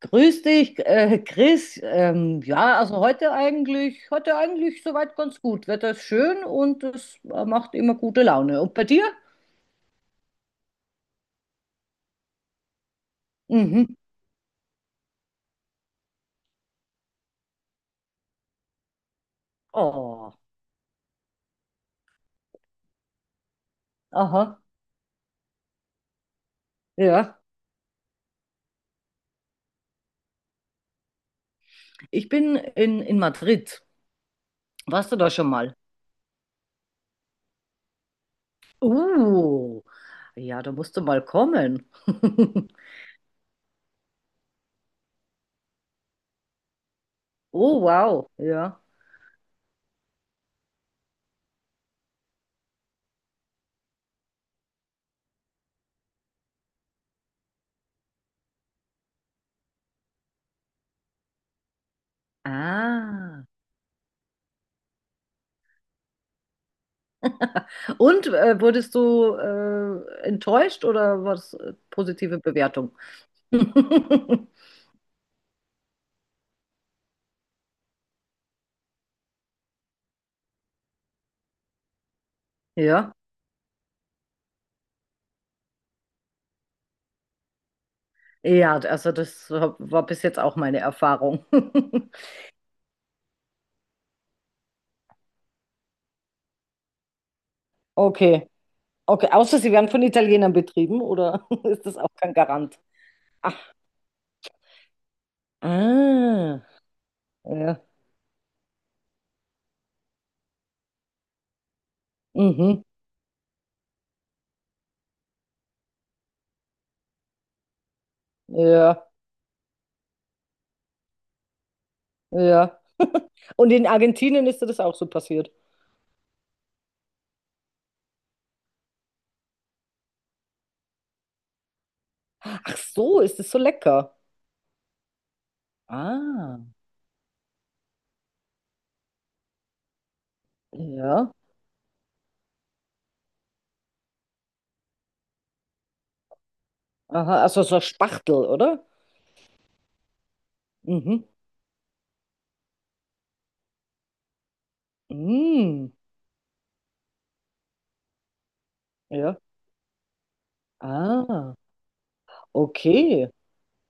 Grüß dich, Chris. Ja, also heute eigentlich soweit ganz gut. Wetter ist schön und es macht immer gute Laune. Und bei dir? Mhm. Oh, aha, ja. Ich bin in Madrid. Warst du da schon mal? Uh, ja, da musst du mal kommen. Oh, wow, ja. Ah. Und wurdest du enttäuscht oder war es positive Bewertung? Ja. Ja, also das war bis jetzt auch meine Erfahrung. Okay. Okay, außer sie werden von Italienern betrieben, oder ist das auch kein Garant? Ach, ah, ja, mhm, ja, ja. Und in Argentinien ist dir das auch so passiert. Ach so, ist das so lecker? Ah, ja. Aha, also so Spachtel, oder? Mhm, mm, ja. Ah, okay.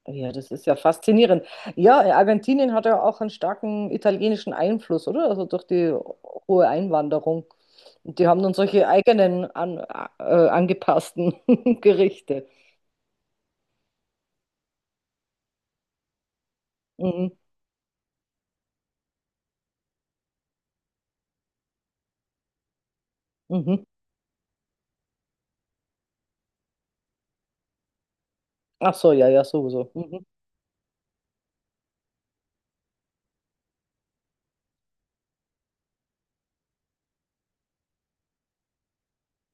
Ja, das ist ja faszinierend. Ja, Argentinien hat ja auch einen starken italienischen Einfluss, oder? Also durch die hohe Einwanderung. Und die haben dann solche angepassten Gerichte. Mhm. Mhm. Ach so, ja, ja, sowieso. Mhm.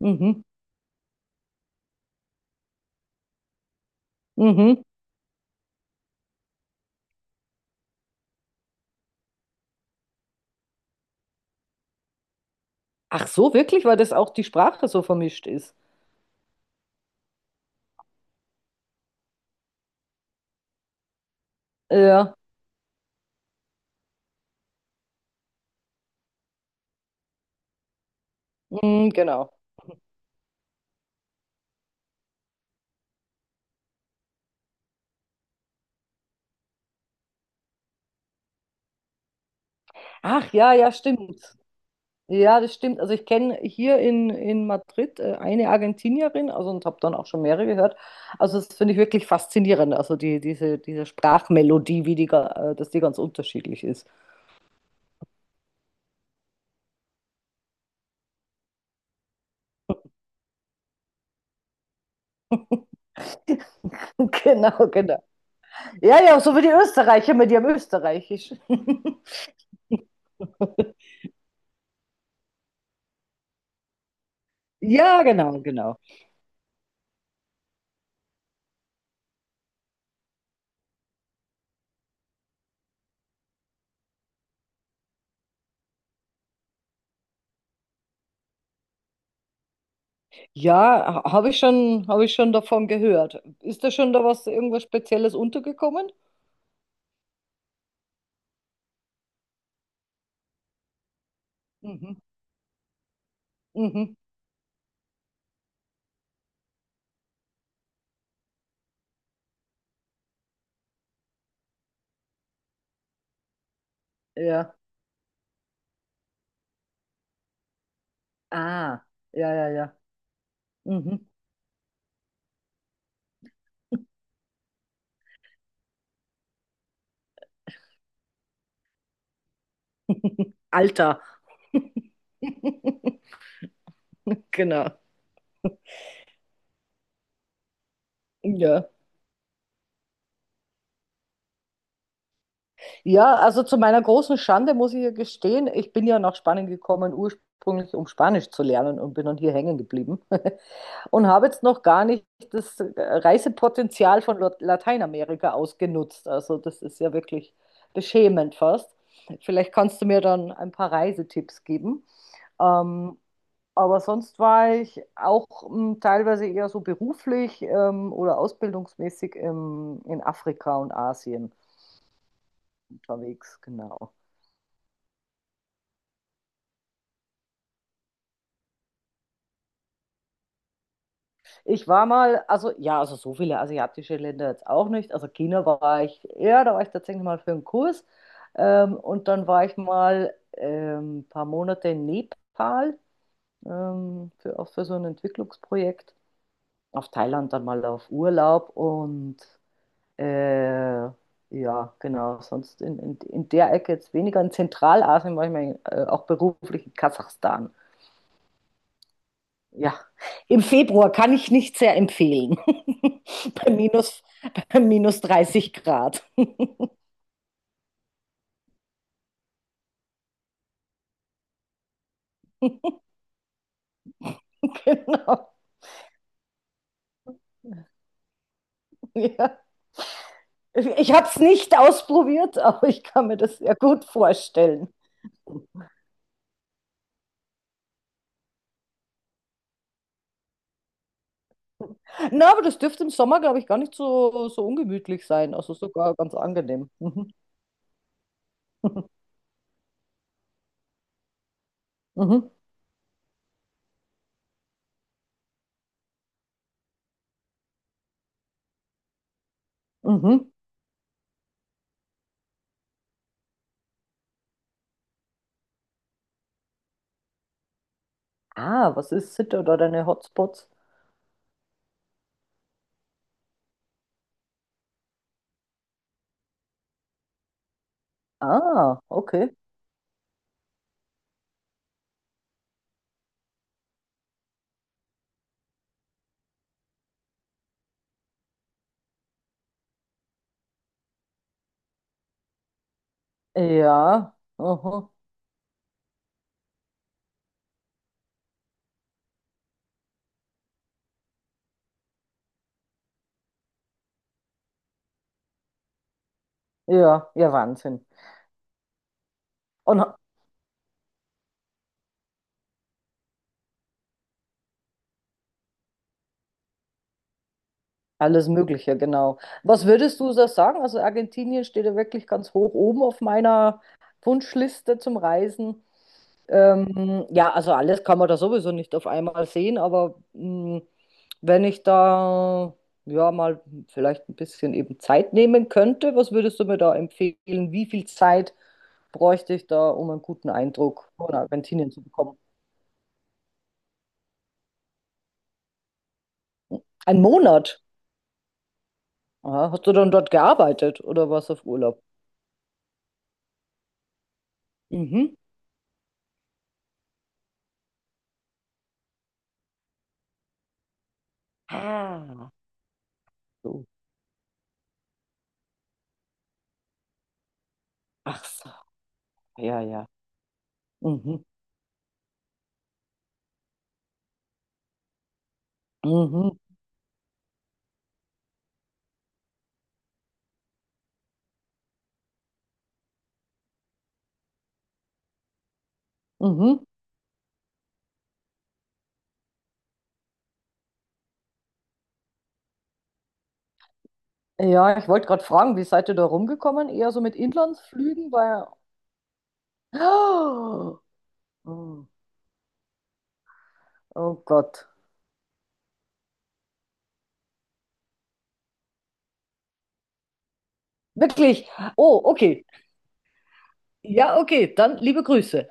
Mhm. Mhm. Ach so, wirklich, weil das auch die Sprache so vermischt ist. Ja, mhm, genau. Ach ja, ja, stimmt. Ja, das stimmt. Also ich kenne hier in Madrid eine Argentinierin, also und habe dann auch schon mehrere gehört. Also das finde ich wirklich faszinierend. Also diese Sprachmelodie, dass die ganz unterschiedlich ist. Genau, genau. Ja, ja, so wie die Österreicher mit ihrem Österreichisch. Ja, genau, genau. Habe ich schon davon gehört. Ist da schon da was, irgendwas Spezielles untergekommen? Mhm. Mhm. Ja. Ah, ja, ja, ja. Mhm. Alter. Genau. Ja. Ja, also zu meiner großen Schande muss ich ja gestehen, ich bin ja nach Spanien gekommen, ursprünglich um Spanisch zu lernen und bin dann hier hängen geblieben und habe jetzt noch gar nicht das Reisepotenzial von Lateinamerika ausgenutzt. Also das ist ja wirklich beschämend fast. Vielleicht kannst du mir dann ein paar Reisetipps geben. Ähm, Aber sonst war ich auch teilweise eher so beruflich oder ausbildungsmäßig in Afrika und Asien unterwegs, genau. Ich war mal, also ja, also so viele asiatische Länder jetzt auch nicht. Also China war ich, ja, da war ich tatsächlich mal für einen Kurs. Und dann war ich mal ein paar Monate in Nepal, für, auch für so ein Entwicklungsprojekt. Auf Thailand dann mal auf Urlaub und Äh, ja, genau. Sonst in der Ecke jetzt weniger. In Zentralasien war ich mal auch beruflich in Kasachstan. Ja, im Februar kann ich nicht sehr empfehlen. bei minus, Bei minus 30 Grad. Genau. Ja. Ich habe es nicht ausprobiert, aber ich kann mir das sehr gut vorstellen. Na, aber das dürfte im Sommer, glaube ich, gar nicht so ungemütlich sein. Also sogar ganz angenehm. Mhm. Mhm. Mhm. Ah, was ist Sitte oder deine Hotspots? Ah, okay. Ja, aha. Ja, ja, Wahnsinn. Und alles Mögliche, genau. Was würdest du da sagen? Also Argentinien steht ja wirklich ganz hoch oben auf meiner Wunschliste zum Reisen. Ja, also alles kann man da sowieso nicht auf einmal sehen, aber mh, wenn ich da ja mal vielleicht ein bisschen eben Zeit nehmen könnte, was würdest du mir da empfehlen? Wie viel Zeit bräuchte ich da, um einen guten Eindruck von Argentinien zu bekommen? Ein Monat. Aha. Hast du dann dort gearbeitet oder warst auf Urlaub? Mhm. Ah, so. Ach so, ja, ja. Mhm. Mhm. Mhm. Ja, ich wollte gerade fragen, wie seid ihr da rumgekommen? Eher so mit Inlandsflügen? Weil... Oh, oh Gott. Wirklich? Oh, okay. Ja, okay. Dann liebe Grüße.